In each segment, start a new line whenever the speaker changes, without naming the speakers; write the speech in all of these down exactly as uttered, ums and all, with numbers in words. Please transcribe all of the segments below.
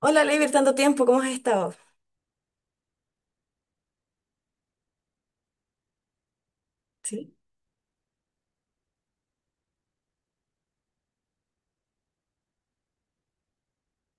Hola, Leiber, tanto tiempo, ¿cómo has estado? Sí.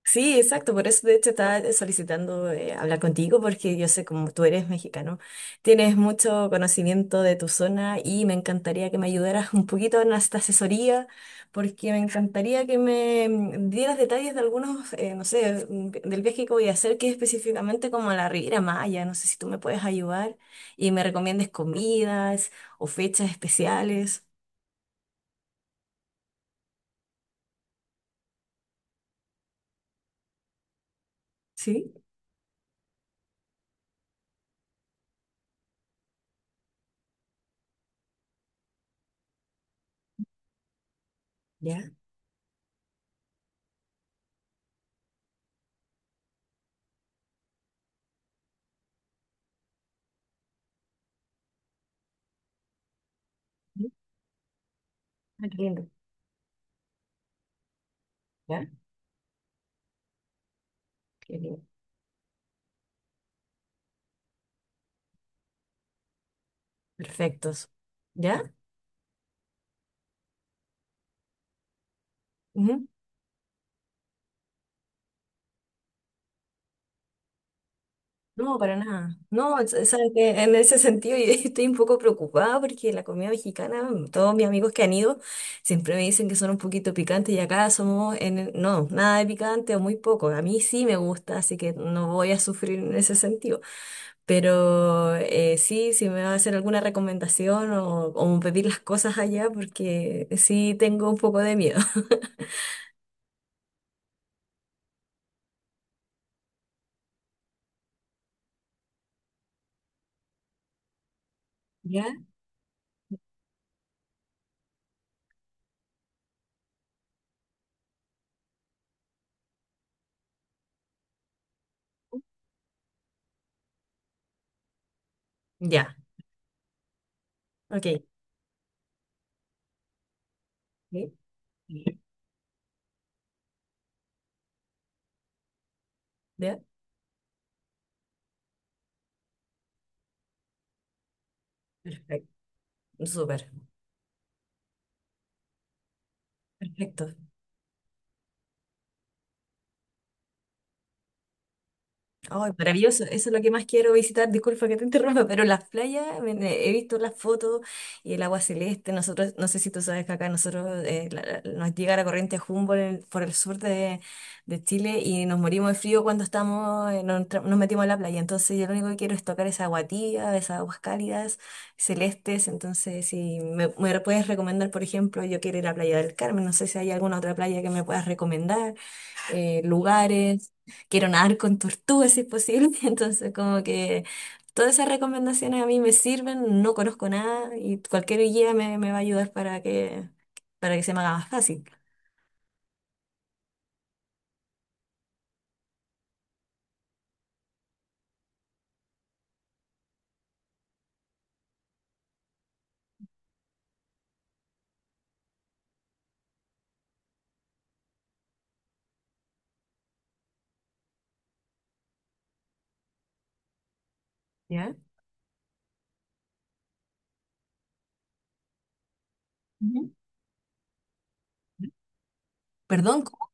Sí, exacto, por eso de hecho estaba eh, solicitando eh, hablar contigo porque yo sé como tú eres mexicano, tienes mucho conocimiento de tu zona y me encantaría que me ayudaras un poquito en esta asesoría porque me encantaría que me mm, dieras detalles de algunos, eh, no sé, mm, del viaje que voy a hacer, que es específicamente como a la Riviera Maya. No sé si tú me puedes ayudar y me recomiendes comidas o fechas especiales. ¿Sí? Ya. Ujú, entiendo. Qué bien. Perfectos. ¿Ya? Ujú. No, para nada. No, s- sabes que en ese sentido yo estoy un poco preocupada porque la comida mexicana, mm, todos mis amigos que han ido siempre me dicen que son un poquito picantes, y acá somos en el- no, nada de picante o muy poco. A mí sí me gusta, así que no voy a sufrir en ese sentido. Pero eh, sí, si me va a hacer alguna recomendación o, o pedir las cosas allá, porque sí tengo un poco de miedo. ¿Ya? Ya. Ok. Sí. ¿Ya? Perfecto, súper, perfecto. Ay, maravilloso, eso es lo que más quiero visitar. Disculpa que te interrumpa, pero las playas, ven, eh, he visto las fotos y el agua celeste. Nosotros, no sé si tú sabes que acá nosotros eh, la- la- nos llega la corriente Humboldt en- por el sur de, de Chile, y nos morimos de frío cuando estamos, eh, nos, entra- nos metimos a la playa. Entonces, yo lo único que quiero es tocar esa agua tibia, esas aguas cálidas, celestes. Entonces, si me, me puedes recomendar, por ejemplo, yo quiero ir a Playa del Carmen. No sé si hay alguna otra playa que me puedas recomendar, eh, lugares. Quiero nadar con tortugas si es posible, entonces como que todas esas recomendaciones a mí me sirven. No conozco nada, y cualquier guía me, me va a ayudar para que, para que se me haga más fácil. ¿Ya? Ujú. Perdón, ¿cómo?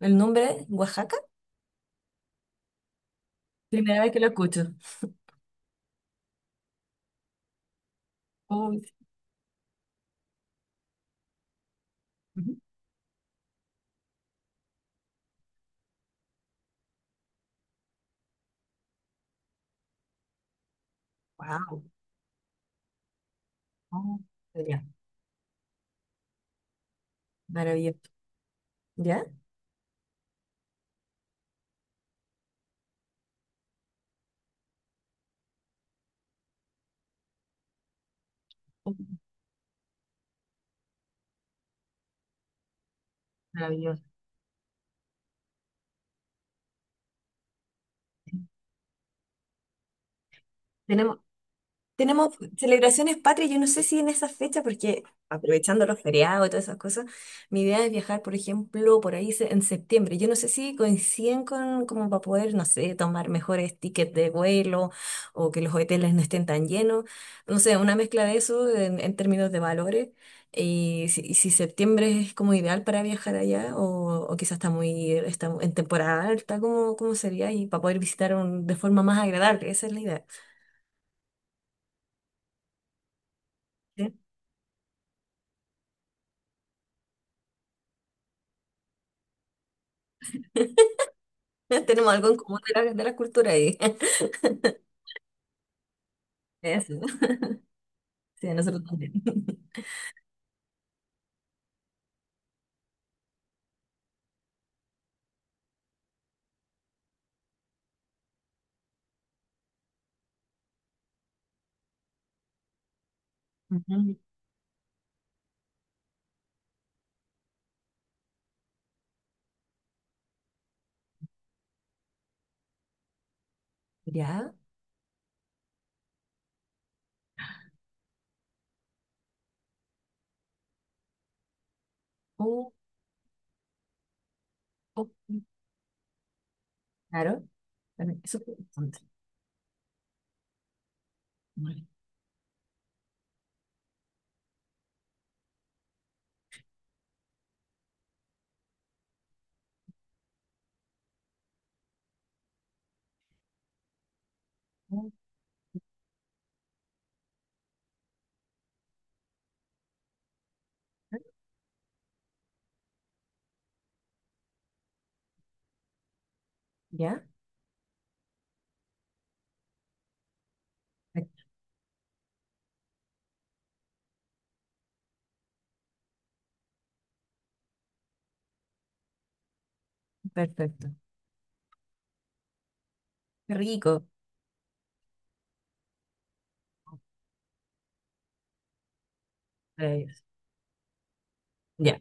¿El nombre? ¿Oaxaca? Primera vez que lo escucho. Wow. Oh, ya. Maravilloso. ¿Ya? Maravilloso. Tenemos. Tenemos celebraciones patrias. Yo no sé si en esa fecha, porque aprovechando los feriados y todas esas cosas, mi idea es viajar, por ejemplo, por ahí se- en septiembre. Yo no sé si coinciden con, como para poder, no sé, tomar mejores tickets de vuelo o que los hoteles no estén tan llenos. No sé, una mezcla de eso en, en términos de valores. Y si, y si septiembre es como ideal para viajar allá, o, o quizás está muy está en temporada alta, ¿cómo, cómo sería? Y para poder visitar un- de forma más agradable, esa es la idea. ¿Sí? Tenemos algo en común de la, de la cultura ahí. Eso, sí, nosotros también. Ujú. Ya, oh. Oh, claro. Bueno, eso fue bastante. Vale. Oh, ya, perfecto. Qué rico para ellos. Ya.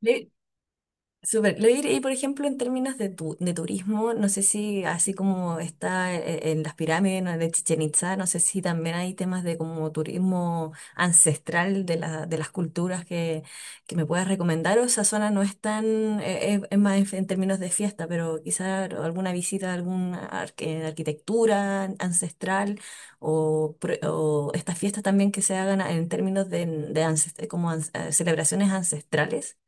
Le- Súper. Lo diré. Y por ejemplo, en términos de, tu- de turismo, no sé si así como está e- en, las pirámides, ¿no?, de Chichen Itza, no sé si también hay temas de como turismo ancestral de, la, de las culturas que, que me puedas recomendar, o esa zona no es tan, eh, es, es más en, en términos de fiesta, pero quizá alguna visita a alguna arque- arquitectura ancestral o, pro- o estas fiestas también que se hagan en términos de, de ancest- como ans- eh, celebraciones ancestrales.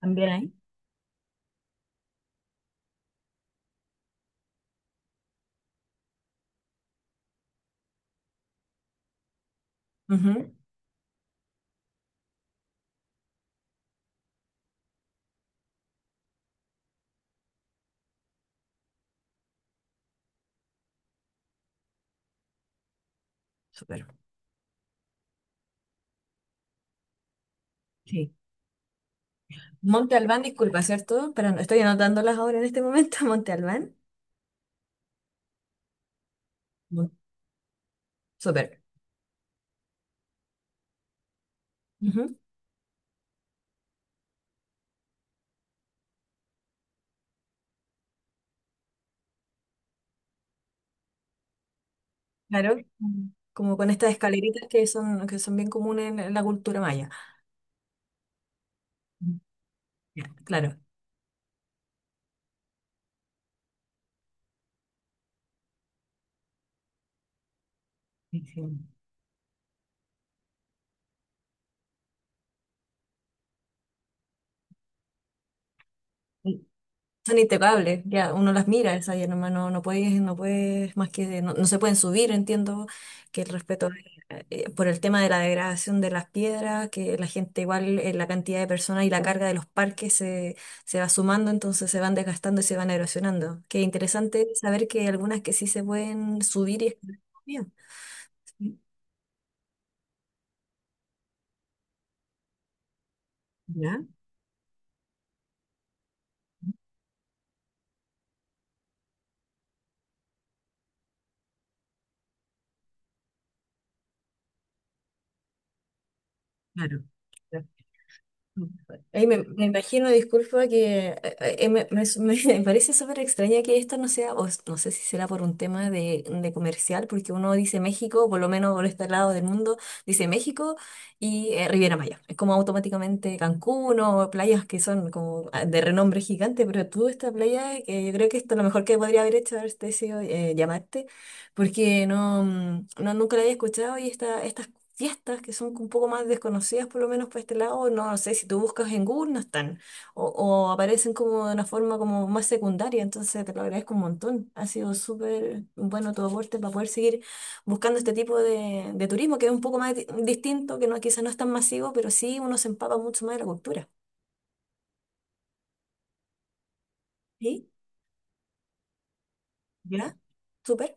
También hay. Ujú. Súper. Sí. Monte Albán, disculpa, ¿cierto? Pero no, estoy anotándolas ahora en este momento. Monte Albán. Mon- Súper. Ujú. Claro. Mm, como con estas escaleritas que son, que son bien comunes en la cultura maya. Mm. Ya, claro. Sí, sí. Son impecables, ya, uno las mira, esas ya nomás no, no puedes, no puedes, más que, no, no se pueden subir, entiendo que el respeto eh, eh, por el tema de la degradación de las piedras, que la gente igual, eh, la cantidad de personas y la carga de los parques se, se va sumando, entonces se van desgastando y se van erosionando. Qué interesante saber que hay algunas que sí se pueden subir y escalar todavía. ¿Ya? Claro. Ay, me, me imagino, disculpa, que eh, eh, me, me- me parece súper extraña que esto no sea, o s- no sé si será por un tema de, de comercial, porque uno dice México, por lo menos por este lado del mundo, dice México y eh, Riviera Maya. Es como automáticamente Cancún o playas que son como ah, de renombre gigante, pero tú esta playa, que yo creo que esto es lo mejor que podría haber hecho, haberte sido eh, llamarte, porque no, mm, no nunca la había escuchado, y esta, estas fiestas que son un poco más desconocidas, por lo menos por este lado, no no sé, si tú buscas en Google no están, o, o aparecen como de una forma como más secundaria. Entonces te lo agradezco un montón. Ha sido súper bueno tu aporte para poder seguir buscando este tipo de, de turismo, que es un poco más di- distinto, que no, quizás no es tan masivo, pero sí uno se empapa mucho más de la cultura. ¿Sí? ¿Ya? Súper.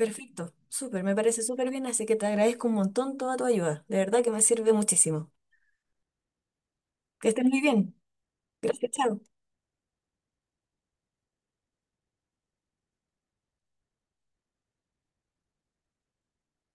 Perfecto, súper, me parece súper bien, así que te agradezco un montón toda tu ayuda, de verdad que me sirve muchísimo. Que estés muy bien. Gracias, chao.